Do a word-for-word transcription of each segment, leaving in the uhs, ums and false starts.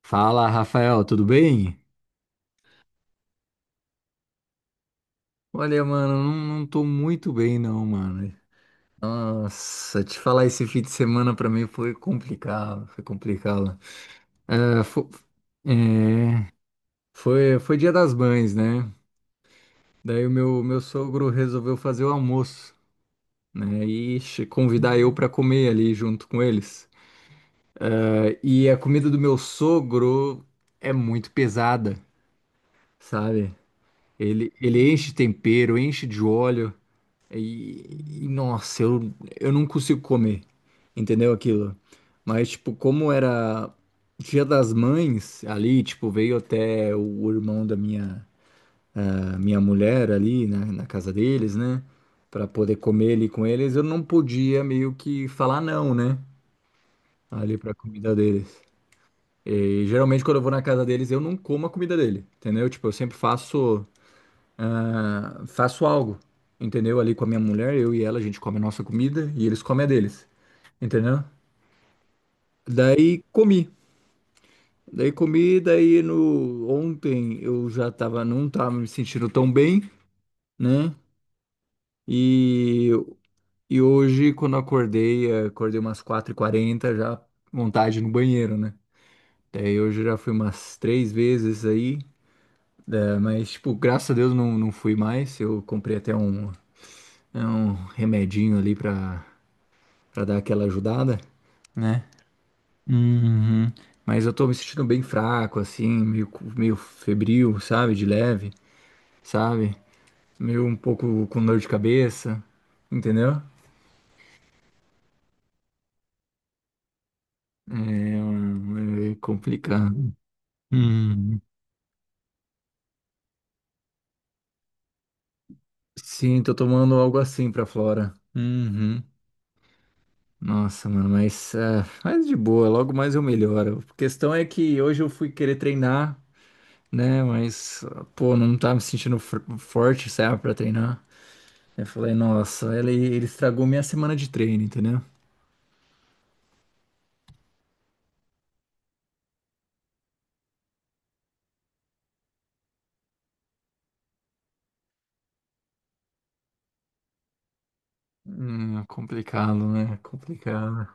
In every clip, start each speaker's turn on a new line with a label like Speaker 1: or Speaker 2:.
Speaker 1: Fala, Rafael, tudo bem? Olha, mano, não, não tô muito bem não, mano. Nossa, te falar esse fim de semana pra mim foi complicado, foi complicado. É, fo- é, foi, foi Dia das Mães, né? Daí o meu, meu sogro resolveu fazer o almoço, né? E che- convidar eu pra comer ali junto com eles. É, e a comida do meu sogro é muito pesada, sabe? Ele, ele enche de tempero, enche de óleo. E, e, nossa, eu, eu não consigo comer, entendeu aquilo? Mas, tipo, como era Dia das Mães ali, tipo, veio até o irmão da minha, da minha mulher ali na, na casa deles, né? Pra poder comer ali com eles, eu não podia meio que falar não, né? Ali pra comida deles. E geralmente quando eu vou na casa deles, eu não como a comida dele, entendeu? Tipo, eu sempre faço ah, faço algo, entendeu? Ali com a minha mulher, eu e ela, a gente come a nossa comida e eles comem a deles, entendeu? Daí comi. Daí comi, daí no ontem eu já tava, não tava me sentindo tão bem, né? E, e hoje, quando eu acordei, eh, acordei umas quatro e quarenta já vontade no banheiro, né? Daí hoje eu já fui umas três vezes aí, eh, mas, tipo, graças a Deus não, não fui mais. Eu comprei até um, é um remedinho ali pra pra dar aquela ajudada, né? Uhum. Mas eu tô me sentindo bem fraco, assim, meio, cu- meio febril, sabe? De leve, sabe? Meio um pouco com dor de cabeça, entendeu? É, é complicado. Uhum. Sim, tô tomando algo assim pra Flora. Uhum. Nossa, mano, mas, é, mas de boa, logo mais eu melhoro. A questão é que hoje eu fui querer treinar, né? Mas, pô, não tá me sentindo fr- forte, sabe, pra treinar. Eu falei, nossa, ele, ele estragou minha semana de treino, entendeu? Hum, complicado, né? Complicado.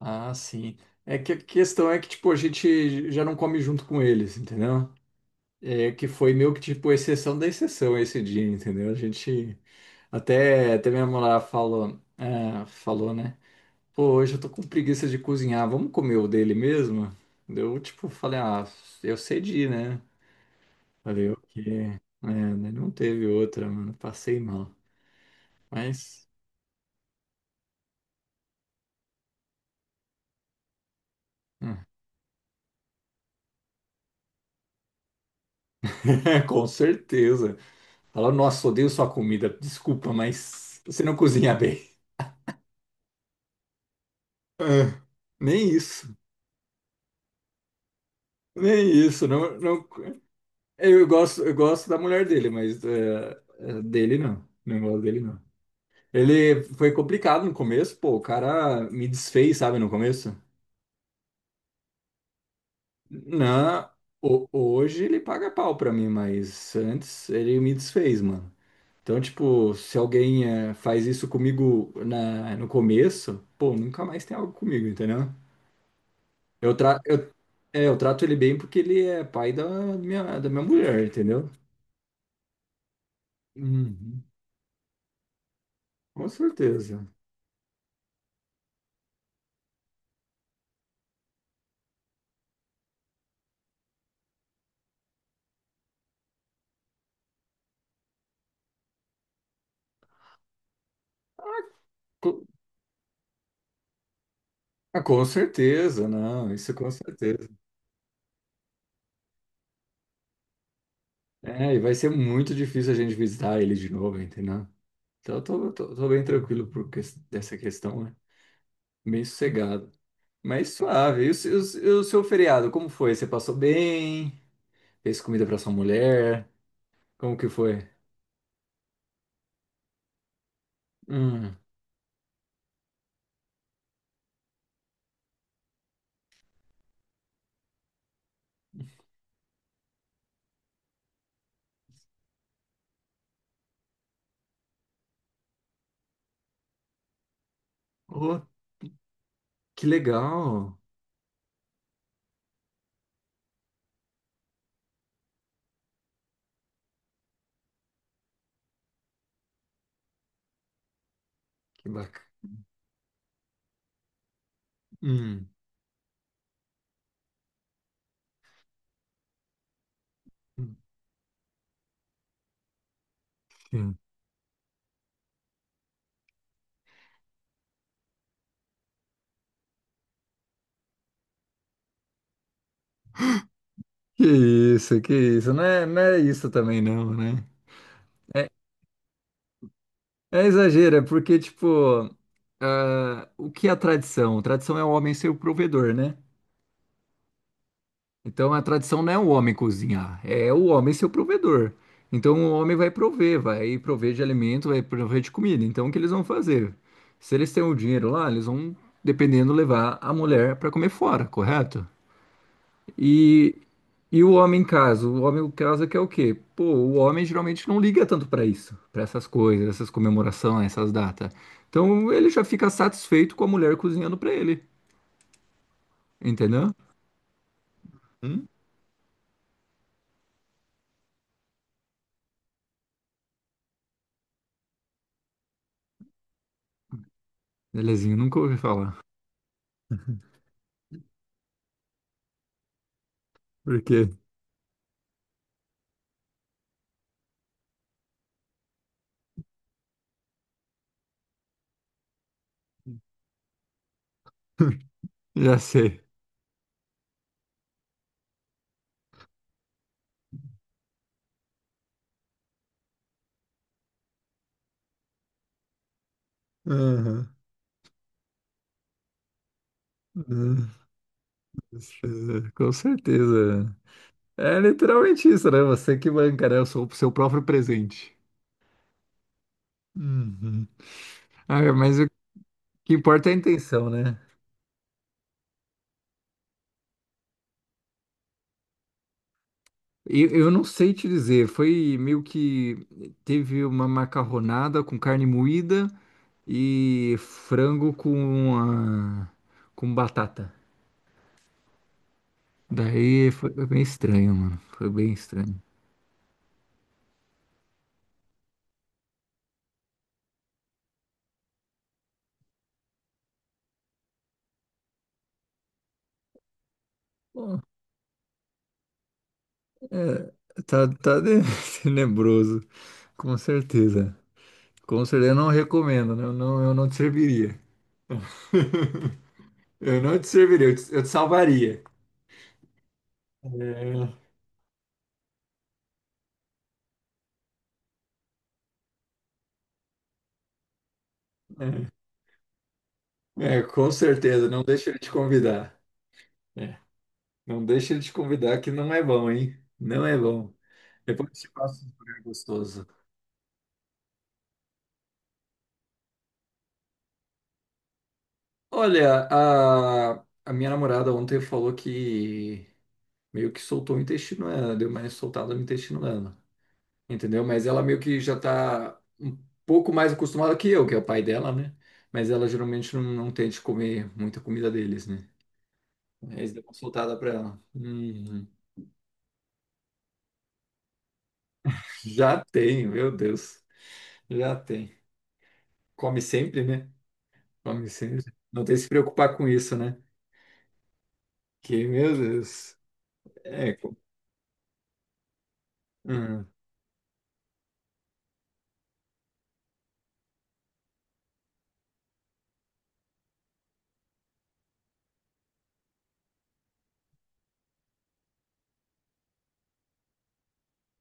Speaker 1: Ah, sim. É que a questão é que, tipo, a gente já não come junto com eles, entendeu? É que foi meio que, tipo, exceção da exceção esse dia, entendeu? A gente... Até, até minha mulher falou, ah, falou, né? Pô, hoje eu tô com preguiça de cozinhar, vamos comer o dele mesmo? Eu, tipo, falei, ah, eu cedi, né? Falei, ok. É, né, não teve outra, mano, passei mal. Mas, ah, com certeza. Fala, nossa, odeio sua comida. Desculpa, mas você não cozinha bem. Ah, nem isso. Nem isso. Não, não... Eu gosto, eu gosto da mulher dele, mas é, é, dele não. Não gosto dele, não. Ele foi complicado no começo, pô. O cara me desfez, sabe, no começo. Não, ho- hoje ele paga pau pra mim, mas antes ele me desfez, mano. Então, tipo, se alguém eh, faz isso comigo na, no começo, pô, nunca mais tem algo comigo, entendeu? Eu, tra eu, é, eu trato ele bem porque ele é pai da minha, da minha mulher, entendeu? Uhum. Com certeza. Ah, Co- ah, com certeza, não, isso com certeza. É, e vai ser muito difícil a gente visitar ele de novo, entendeu? Então eu tô, tô, tô bem tranquilo por ques- dessa questão, né? Bem sossegado. Mas suave. E o, se- e o, se- e o seu feriado, como foi? Você passou bem? Fez comida pra sua mulher? Como que foi? Hum. Oh, que legal. Que bacana. Hum. Sim. Que isso, que isso. Não é, não é isso também não, né? É, é exagero, é porque, tipo, ah, o que é a tradição? Tradição é o homem ser o provedor, né? Então a tradição não é o homem cozinhar, é o homem ser o provedor. Então o homem vai prover, vai prover de alimento, vai prover de comida. Então o que eles vão fazer? Se eles têm o dinheiro lá, eles vão, dependendo, levar a mulher para comer fora, correto? E, e o homem em casa? O homem em casa que é o quê? Pô, o homem geralmente não liga tanto para isso, para essas coisas, essas comemorações, essas datas. Então ele já fica satisfeito com a mulher cozinhando para ele, entendeu? Hum? Belezinho, nunca ouvi falar. Por quê? Já sei. Aham. Hum. Com certeza. É literalmente isso, né? Você que banca, né? Eu sou o seu próprio presente. Uhum. Ah, é, mas o que importa é a intenção, né? Eu, eu não sei te dizer, foi meio que teve uma macarronada com carne moída e frango com, a- com batata. Daí foi bem estranho, mano. Foi bem estranho. Bom, é, tá, tá de- tenebroso. Com certeza. Com certeza, eu não recomendo, né? Eu não, eu não te serviria. Eu não te serviria, eu te, eu te salvaria. É, é, com certeza, não deixa ele te convidar. É, não deixa ele te convidar, que não é bom, hein? Não é bom. Depois eu te passo um lugar gostoso. Olha, a, a minha namorada ontem falou que meio que soltou o intestino dela, deu mais soltada no intestino dela. Entendeu? Mas ela meio que já tá um pouco mais acostumada que eu, que é o pai dela, né? Mas ela geralmente não, não tende comer muita comida deles, né? Aí eles dão uma soltada pra ela. Hum, já tem, meu Deus. Já tem. Come sempre, né? Come sempre. Não tem que se preocupar com isso, né? Que, meu Deus. É, co- hum.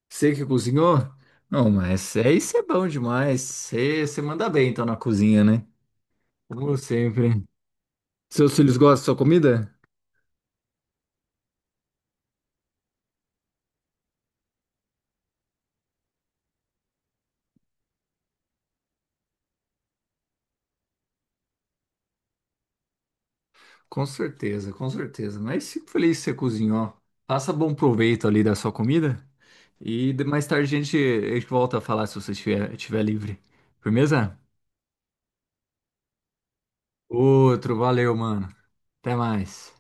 Speaker 1: Você que cozinhou? Não, mas é isso é bom demais. Você, você manda bem, então, na cozinha, né? Como sempre. Seus filhos gostam da sua comida? Com certeza, com certeza. Mas fico feliz que você cozinhou. Faça bom proveito ali da sua comida. E de- mais tarde a gente, a gente volta a falar se você estiver, estiver livre. Firmeza? Outro, valeu, mano. Até mais.